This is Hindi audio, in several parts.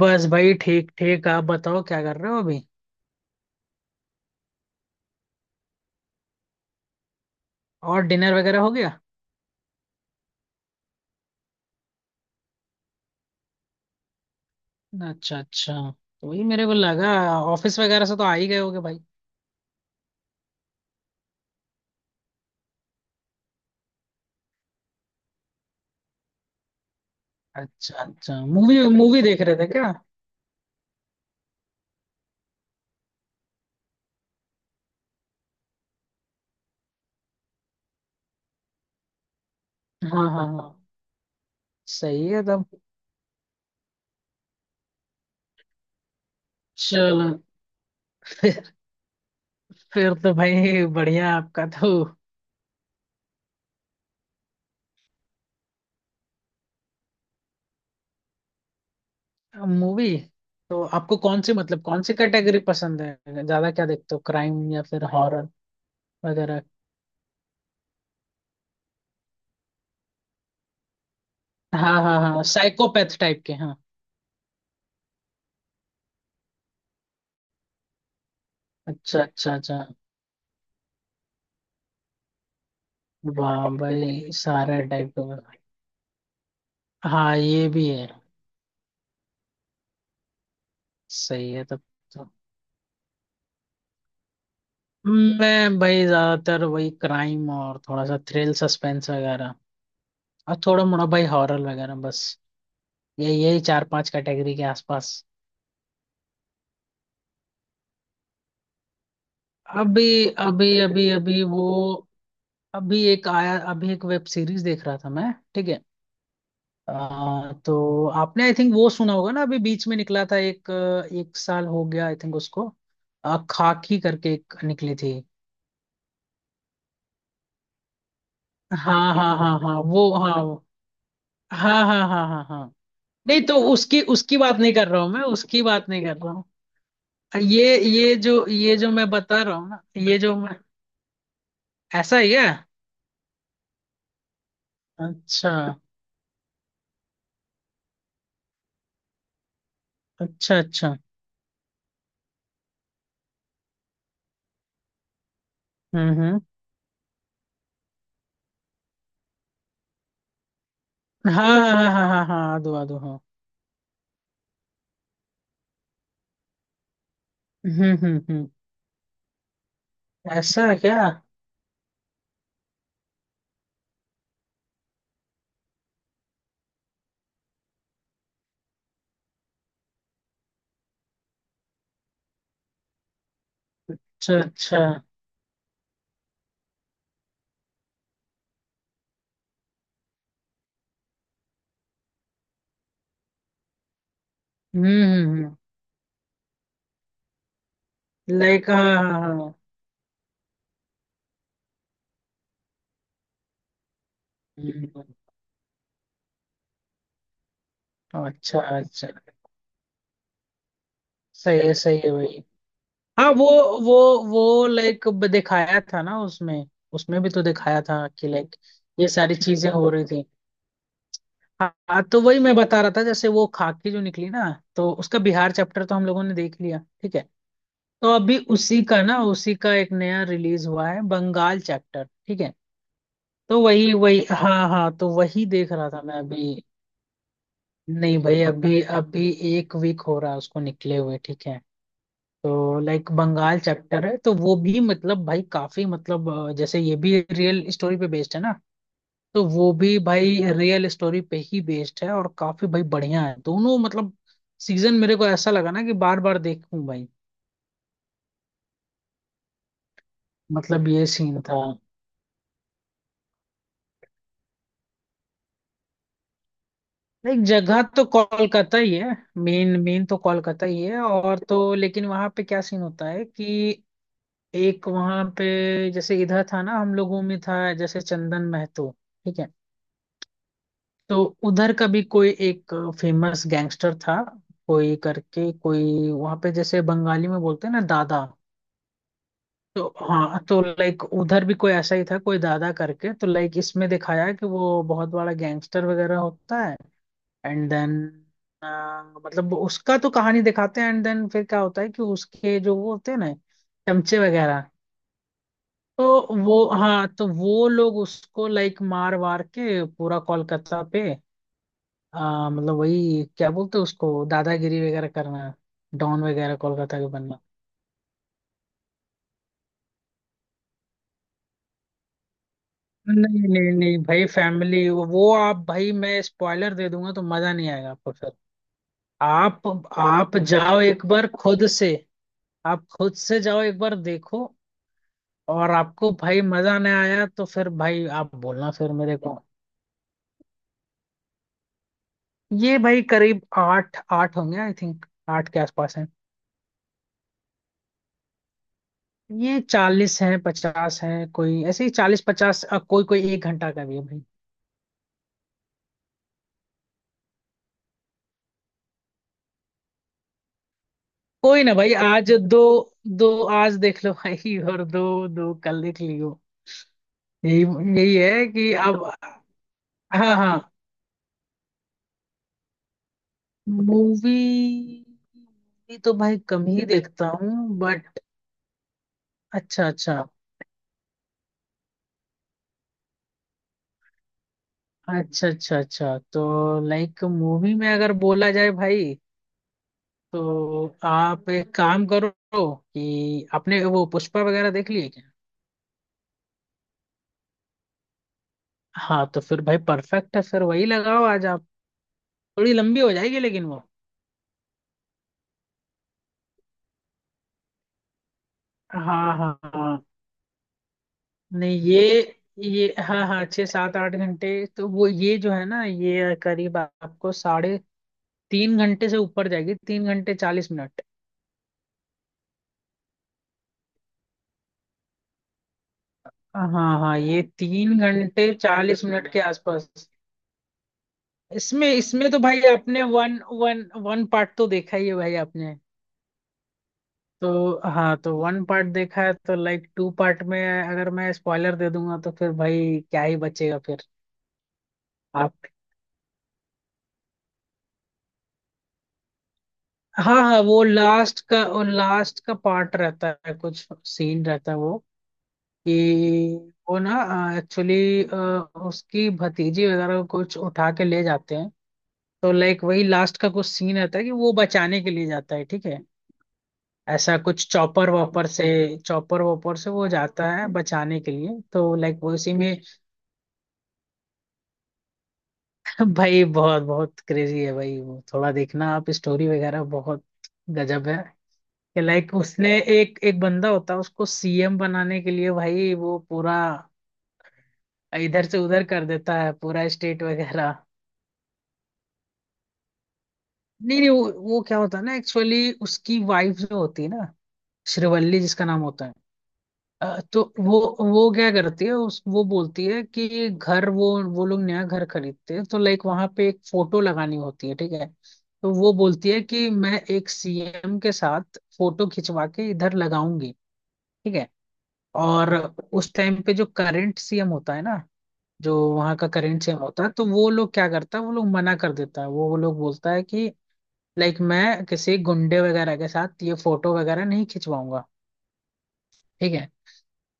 बस भाई, ठीक ठीक। आप बताओ क्या कर रहे हो अभी। और डिनर वगैरह हो गया? अच्छा अच्छा, तो वही मेरे को लगा। ऑफिस वगैरह से तो आ ही गए होगे भाई। अच्छा अच्छा, मूवी मूवी देख रहे थे क्या? हाँ हाँ हाँ। सही है तब। चलो फिर फिर तो भाई बढ़िया आपका तो। मूवी तो आपको कौन सी, मतलब कौन सी कैटेगरी पसंद है? ज्यादा क्या देखते हो, क्राइम या फिर हॉरर वगैरह? हाँ हाँ हाँ, साइकोपैथ टाइप के, हाँ। अच्छा अच्छा अच्छा। वाह भाई, सारा टाइप का। हाँ ये भी है। सही है तब। तो मैं भाई ज्यादातर वही क्राइम, और थोड़ा सा थ्रिल सस्पेंस वगैरह, और थोड़ा मोड़ा भाई हॉरर वगैरह बस। ये यही 4-5 कैटेगरी के आसपास। अभी अभी अभी अभी वो अभी एक आया, अभी एक वेब सीरीज देख रहा था मैं, ठीक है। तो आपने आई थिंक वो सुना होगा ना, अभी बीच में निकला था एक। एक साल हो गया आई थिंक उसको। खाकी करके एक निकली थी। हाँ हाँ हाँ हाँ हाँ, वो हाँ वो। हाँ हाँ हाँ हाँ हाँ। नहीं, तो उसकी उसकी बात नहीं कर रहा हूँ मैं, उसकी बात नहीं कर रहा हूँ। ये जो मैं बता रहा हूँ ना, ये जो मैं, ऐसा ही है। अच्छा अच्छा अच्छा। हम्म। हाँ हाँ हाँ हाँ हाँ हाँ, आदो आदो, हाँ। हम्म। ऐसा है क्या? अच्छा अच्छा। हम्म हम्म हम्म। लाइक हाँ हाँ हाँ हाँ। हम्म, अच्छा अच्छा। सही है भाई। हाँ वो, वो वो लाइक दिखाया था ना उसमें, उसमें भी तो दिखाया था कि लाइक ये सारी चीजें हो रही थी। हाँ हाँ, तो वही मैं बता रहा था, जैसे वो खाकी जो निकली ना, तो उसका बिहार चैप्टर तो हम लोगों ने देख लिया, ठीक है। तो अभी उसी का ना, उसी का एक नया रिलीज हुआ है, बंगाल चैप्टर, ठीक है। तो वही वही हाँ हाँ, तो वही देख रहा था मैं अभी। नहीं भाई अभी अभी, 1 वीक हो रहा है उसको निकले हुए, ठीक है। तो लाइक बंगाल चैप्टर है, तो वो भी मतलब भाई काफी, मतलब जैसे ये भी रियल स्टोरी पे बेस्ड है ना, तो वो भी भाई रियल स्टोरी पे ही बेस्ड है, और काफी भाई बढ़िया है दोनों मतलब सीजन। मेरे को ऐसा लगा ना कि बार बार देखूं भाई। मतलब ये सीन था। लाइक जगह तो कोलकाता ही है, मेन मेन तो कोलकाता ही है, और तो लेकिन वहां पे क्या सीन होता है कि एक वहां पे, जैसे इधर था ना हम लोगों में, था जैसे चंदन महतो, ठीक है। तो उधर का भी कोई एक फेमस गैंगस्टर था, कोई करके, कोई वहां पे, जैसे बंगाली में बोलते हैं ना दादा। तो हाँ, तो लाइक उधर भी कोई ऐसा ही था, कोई दादा करके। तो लाइक इसमें दिखाया है कि वो बहुत बड़ा गैंगस्टर वगैरह होता है। एंड देन मतलब उसका तो कहानी दिखाते हैं, एंड देन फिर क्या होता है कि उसके जो वो होते हैं ना, चमचे वगैरह, तो वो हाँ तो वो लोग उसको लाइक मार वार के पूरा कोलकाता पे, हाँ, मतलब वही क्या बोलते हैं उसको, दादागिरी वगैरह करना, डॉन वगैरह कोलकाता के बनना। नहीं नहीं नहीं भाई, फैमिली वो आप भाई, मैं स्पॉइलर दे दूंगा तो मजा नहीं आएगा आपको फिर। आप आप जाओ एक बार खुद से, आप खुद से जाओ एक बार देखो, और आपको भाई मजा नहीं आया तो फिर भाई आप बोलना फिर मेरे को। ये भाई करीब आठ, आठ होंगे आई थिंक, 8 के आसपास हैं। ये 40 हैं 50 हैं, कोई ऐसे ही 40-50, कोई कोई 1 घंटा का भी है। कोई ना भाई, आज दो, दो, आज देख लो भाई, और दो दो कल देख लियो, यही। यही है कि अब, हाँ हाँ। मूवी तो भाई कम ही देखता हूँ बट, अच्छा अच्छा अच्छा। अच्छा अच्छा, तो लाइक मूवी में अगर बोला जाए भाई, तो आप एक काम करो, कि आपने वो पुष्पा वगैरह देख लिए क्या? हाँ, तो फिर भाई परफेक्ट है, फिर वही लगाओ आज आप। थोड़ी लंबी हो जाएगी लेकिन वो, हाँ हाँ हाँ। नहीं ये, ये हाँ हाँ, 6-7-8 घंटे तो वो, ये जो है ना, ये करीब आपको साढ़े 3 घंटे से ऊपर जाएगी, 3 घंटे 40 मिनट। हाँ हाँ, ये 3 घंटे 40 मिनट के आसपास। इसमें इसमें तो भाई आपने वन वन वन पार्ट तो देखा ही है भाई आपने। तो हाँ, तो वन पार्ट देखा है, तो लाइक टू पार्ट में अगर मैं स्पॉइलर दे दूंगा तो फिर भाई क्या ही बचेगा फिर। आप, हाँ हाँ, वो लास्ट का, वो लास्ट का पार्ट रहता है, कुछ सीन रहता है वो, कि वो ना, एक्चुअली उसकी भतीजी वगैरह को कुछ उठा के ले जाते हैं, तो लाइक वही लास्ट का कुछ सीन रहता है कि वो बचाने के लिए जाता है, ठीक है। ऐसा कुछ चॉपर वॉपर से, चॉपर वॉपर से वो जाता है बचाने के लिए, तो लाइक वो इसी में भाई बहुत बहुत क्रेजी है भाई वो, थोड़ा देखना आप, स्टोरी वगैरह बहुत गजब है। लाइक उसने, एक एक बंदा होता है उसको सीएम बनाने के लिए, भाई वो पूरा इधर से उधर कर देता है, पूरा स्टेट वगैरह। नहीं नहीं, वो क्या होता है ना, एक्चुअली उसकी वाइफ जो होती है ना, श्रीवल्ली जिसका नाम होता है, तो वो क्या करती है, उस वो बोलती है कि घर, वो लोग नया घर खरीदते हैं, तो लाइक वहां पे एक फोटो लगानी होती है, ठीक है। तो वो बोलती है कि मैं एक सीएम के साथ फोटो खिंचवा के इधर लगाऊंगी, ठीक है। और उस टाइम पे जो करंट सीएम होता है ना, जो वहाँ का करंट सीएम होता है, तो वो लोग क्या करता है, वो लोग मना कर देता है, वो लोग बोलता है कि लाइक मैं किसी गुंडे वगैरह के साथ ये फोटो वगैरह नहीं खिंचवाऊंगा, ठीक है।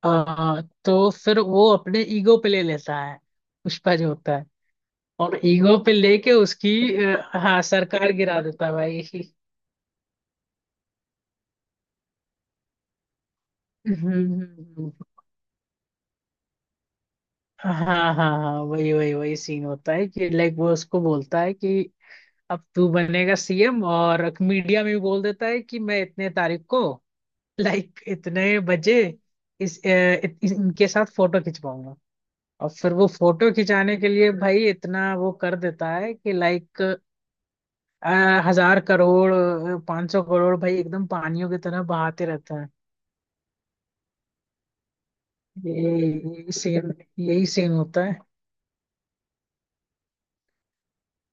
तो फिर वो अपने ईगो पे ले लेता है, पुष्पा जो होता है, और ईगो पे लेके उसकी, हाँ सरकार गिरा देता है भाई हम्म, हम्म, हम्म। हाँ हाँ हाँ, वही वही वही सीन होता है कि लाइक वो उसको बोलता है कि अब तू बनेगा सीएम, और मीडिया में भी बोल देता है कि मैं इतने तारीख को, लाइक इतने बजे, इस, अ, इनके साथ फोटो खिंचवाऊंगा। और फिर वो फोटो खिंचाने के लिए भाई इतना वो कर देता है कि लाइक 1000 करोड़, 500 करोड़ भाई एकदम पानियों की तरह बहाते रहता है। ये, ये सीन। यही सीन होता है।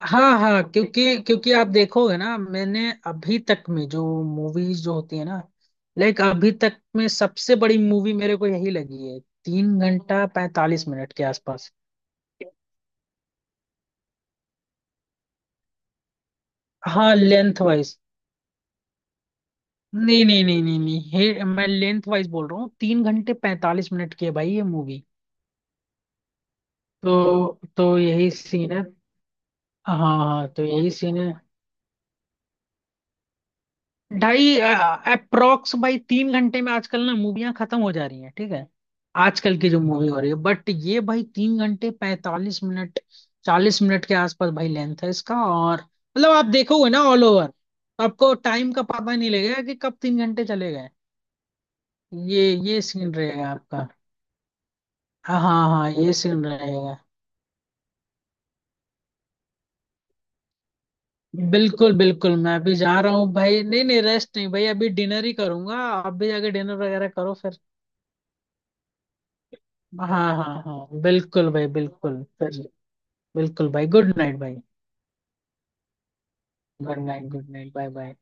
हाँ हाँ, क्योंकि क्योंकि आप देखोगे ना, मैंने अभी तक में जो मूवीज जो होती है ना, लाइक अभी तक में सबसे बड़ी मूवी मेरे को यही लगी है, 3 घंटा 45 मिनट के आसपास। हाँ लेंथ वाइज। नहीं नहीं नहीं नहीं नहीं, हे मैं लेंथ वाइज बोल रहा हूँ, 3 घंटे 45 मिनट की है भाई ये मूवी। तो यही सीन है। हाँ हाँ, तो यही सीन है। ढाई अप्रोक्स बाई तीन घंटे में आजकल ना मूवियां खत्म हो जा रही हैं, ठीक है, आजकल की जो मूवी हो रही है, बट ये भाई 3 घंटे 45 मिनट, 40 मिनट के आसपास भाई लेंथ है इसका। और मतलब आप देखोगे ना ऑल ओवर, तो आपको टाइम का पता नहीं लगेगा कि कब 3 घंटे चले गए। ये सीन रहेगा आपका। हाँ हाँ हाँ, ये सीन रहेगा। बिल्कुल बिल्कुल, मैं अभी जा रहा हूँ भाई, नहीं नहीं रेस्ट नहीं भाई, अभी डिनर ही करूंगा, आप भी जाके डिनर वगैरह करो फिर। हाँ हाँ हाँ बिल्कुल भाई, बिल्कुल चलिए। बिल्कुल भाई, गुड नाइट भाई। Good night bye bye.